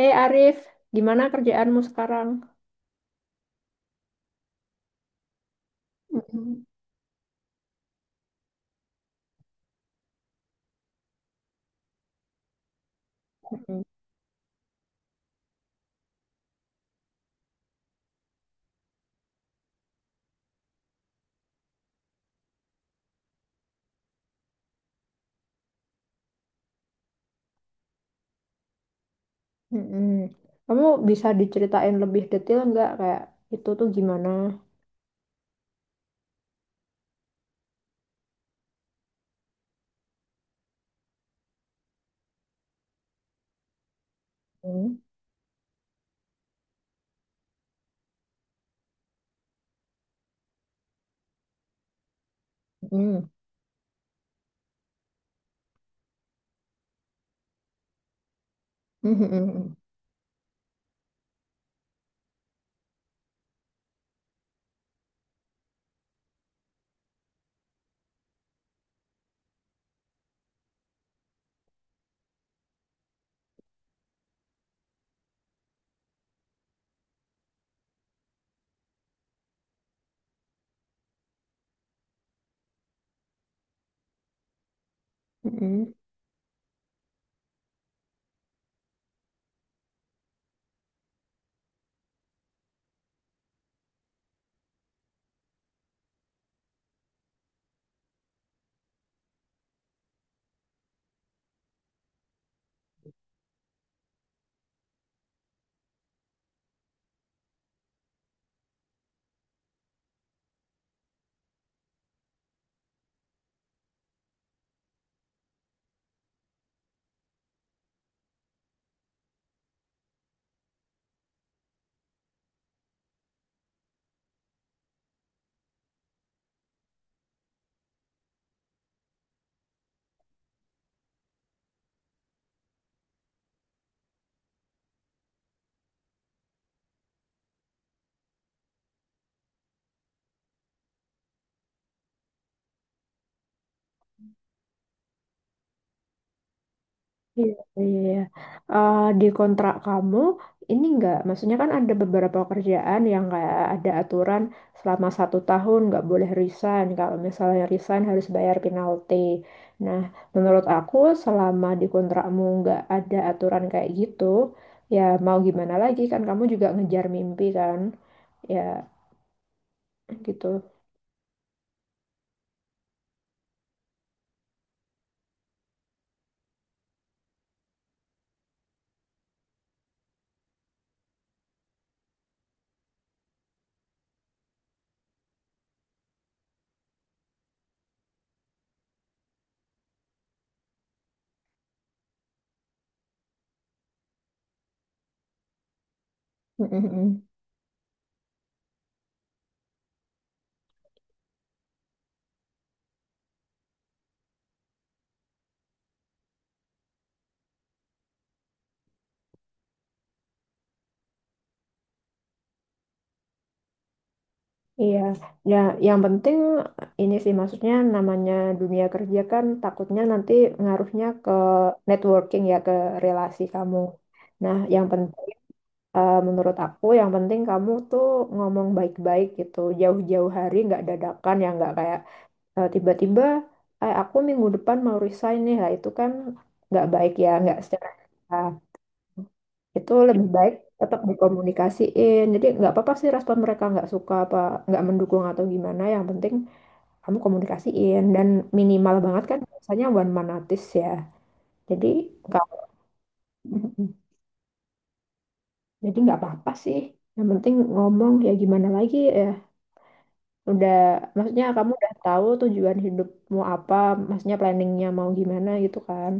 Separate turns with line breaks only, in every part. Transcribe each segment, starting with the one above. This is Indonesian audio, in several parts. Hei Arif, gimana kerjaanmu sekarang? Mm-mm. Mm-mm. Mm-mm. Kamu bisa diceritain lebih detail nggak kayak itu tuh gimana? Mm-mm. Mm-mm. Mm-mm. Iya, iya, iya. Di kontrak kamu ini enggak, maksudnya kan ada beberapa kerjaan yang kayak ada aturan selama satu tahun nggak boleh resign. Kalau misalnya resign harus bayar penalti. Nah, menurut aku selama di kontrakmu nggak ada aturan kayak gitu, ya mau gimana lagi kan kamu juga ngejar mimpi kan, ya gitu. Iya, ya yang penting ini sih maksudnya namanya dunia kerja kan takutnya nanti ngaruhnya ke networking ya ke relasi kamu. Nah, yang penting menurut aku yang penting kamu tuh ngomong baik-baik gitu jauh-jauh hari nggak dadakan ya nggak kayak tiba-tiba aku minggu depan mau resign nih lah itu kan nggak baik ya nggak secara. Nah, itu lebih baik tetap dikomunikasiin. Jadi nggak apa-apa sih respon mereka nggak suka apa nggak mendukung atau gimana. Yang penting kamu komunikasiin dan minimal banget kan biasanya one man notice ya jadi nggak. Jadi nggak apa-apa sih yang penting ngomong ya gimana lagi ya udah maksudnya kamu udah tahu tujuan hidupmu apa maksudnya planningnya mau gimana gitu kan.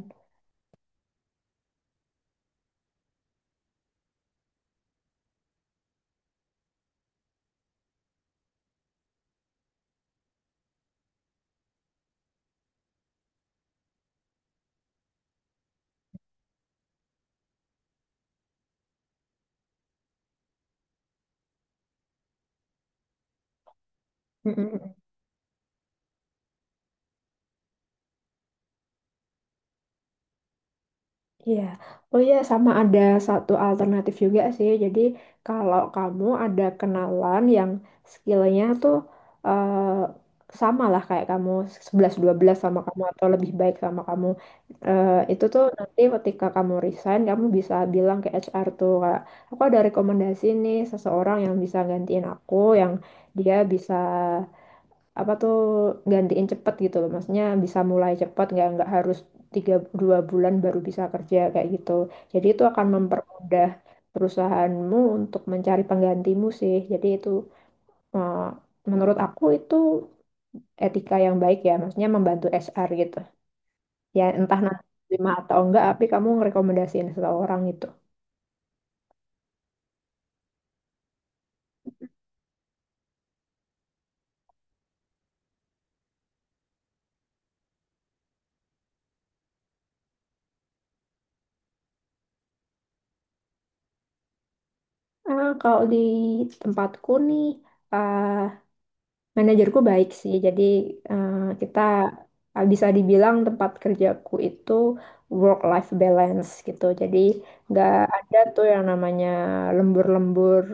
Iya, oh iya sama ada satu alternatif juga sih. Jadi kalau kamu ada kenalan yang skillnya tuh eh, sama lah kayak kamu sebelas dua belas sama kamu atau lebih baik sama kamu. Itu tuh nanti ketika kamu resign kamu bisa bilang ke HR tuh kayak aku ada rekomendasi nih seseorang yang bisa gantiin aku yang dia bisa apa tuh gantiin cepet gitu loh maksudnya bisa mulai cepet nggak harus tiga dua bulan baru bisa kerja kayak gitu jadi itu akan mempermudah perusahaanmu untuk mencari penggantimu sih jadi itu eh, menurut aku itu etika yang baik ya maksudnya membantu HR gitu ya entah nanti terima atau enggak tapi kamu ngerekomendasiin seseorang gitu. Ah, kalau di tempatku nih ah manajerku baik sih, jadi kita bisa dibilang tempat kerjaku itu work-life balance gitu. Jadi nggak ada tuh yang namanya lembur-lembur.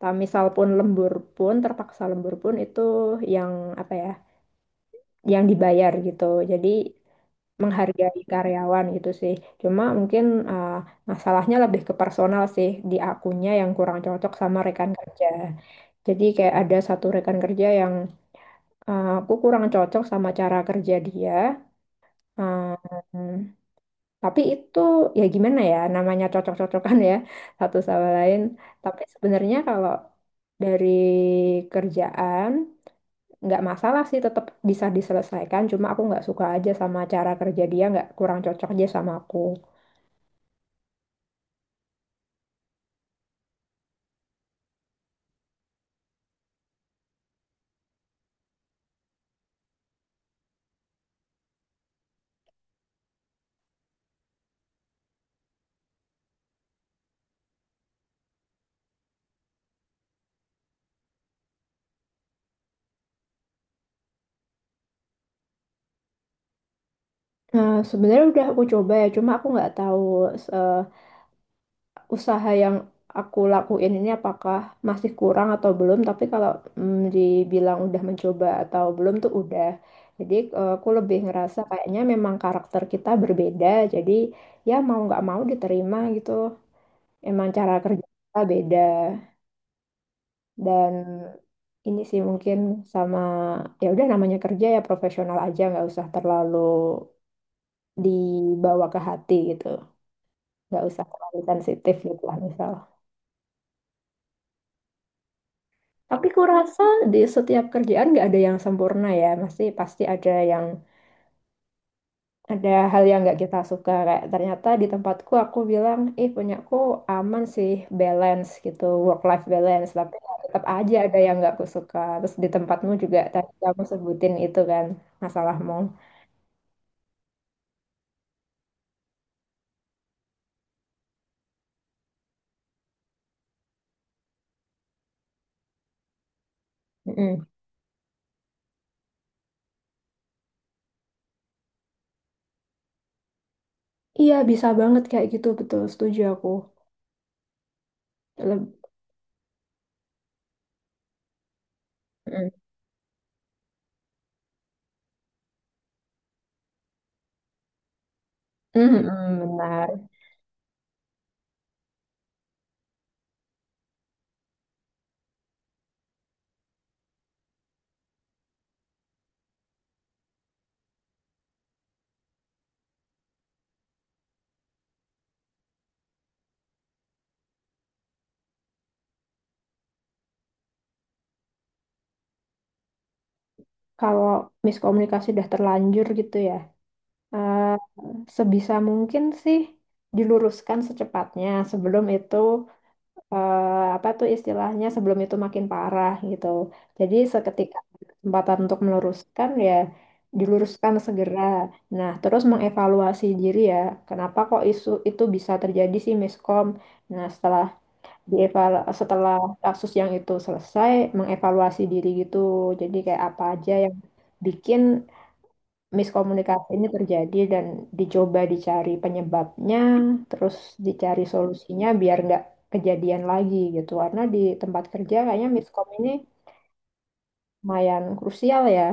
Tak misal pun lembur pun, terpaksa lembur pun itu yang apa ya, yang dibayar gitu. Jadi menghargai karyawan gitu sih. Cuma mungkin eh, masalahnya lebih ke personal sih di akunya yang kurang cocok sama rekan kerja. Jadi kayak ada satu rekan kerja yang aku kurang cocok sama cara kerja dia. Em, tapi itu ya gimana ya, namanya cocok-cocokan ya satu sama lain. Tapi sebenarnya kalau dari kerjaan nggak masalah sih, tetap bisa diselesaikan. Cuma aku nggak suka aja sama cara kerja dia, nggak kurang cocok aja sama aku. Nah, sebenarnya udah aku coba ya, cuma aku nggak tahu eh, usaha yang aku lakuin ini apakah masih kurang atau belum tapi kalau dibilang udah mencoba atau belum tuh udah jadi aku lebih ngerasa kayaknya memang karakter kita berbeda jadi ya mau nggak mau diterima gitu emang cara kerja kita beda dan ini sih mungkin sama ya udah namanya kerja ya profesional aja nggak usah terlalu dibawa ke hati gitu nggak usah terlalu sensitif gitu lah misal. Tapi kurasa di setiap kerjaan nggak ada yang sempurna ya. Pasti pasti ada yang ada hal yang nggak kita suka. Kayak ternyata di tempatku aku bilang, eh punyaku aman sih, balance gitu, work life balance. Tapi ya tetap aja ada yang nggak aku suka. Terus di tempatmu juga tadi kamu sebutin itu kan masalahmu. Mm-mm. Iya bisa banget kayak gitu betul. Setuju aku. Leb- Mm. Mm-mm, benar. Kalau miskomunikasi udah terlanjur gitu ya. eh, Sebisa mungkin sih diluruskan secepatnya sebelum itu apa tuh istilahnya sebelum itu makin parah gitu. Jadi seketika ada kesempatan untuk meluruskan ya diluruskan segera. Nah, terus mengevaluasi diri ya, kenapa kok isu itu bisa terjadi sih miskom. Nah, setelah dieval setelah kasus yang itu selesai mengevaluasi diri gitu. Jadi kayak apa aja yang bikin miskomunikasi ini terjadi dan dicoba dicari penyebabnya, terus dicari solusinya biar nggak kejadian lagi gitu. Karena di tempat kerja kayaknya miskom ini lumayan krusial ya.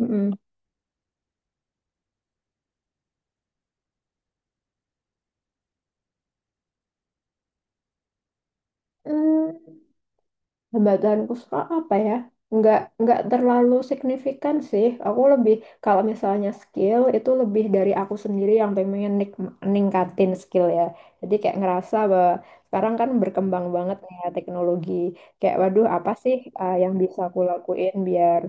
Mm-mm. Hmm, hambatanku suka apa ya? Nggak terlalu signifikan sih. Aku lebih, kalau misalnya skill, itu lebih dari aku sendiri yang pengen nik- ningkatin skill ya. Jadi kayak ngerasa bahwa sekarang kan berkembang banget nih ya teknologi. Kayak waduh apa sih yang bisa aku lakuin biar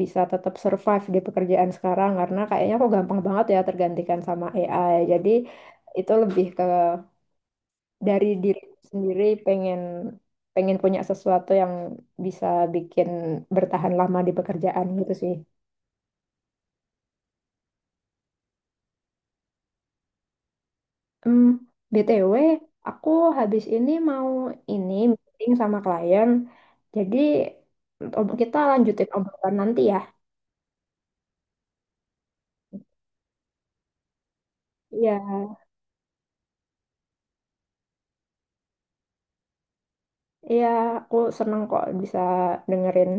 bisa tetap survive di pekerjaan sekarang. Karena kayaknya aku gampang banget ya tergantikan sama AI. Jadi itu lebih ke dari diri sendiri pengen pengen punya sesuatu yang bisa bikin bertahan lama di pekerjaan gitu sih. Hmm, BTW, aku habis ini mau ini meeting sama klien. Jadi ob- kita lanjutin obrolan nanti ya. Iya, iya, aku seneng kok bisa dengerin.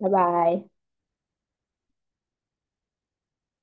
Bye-bye.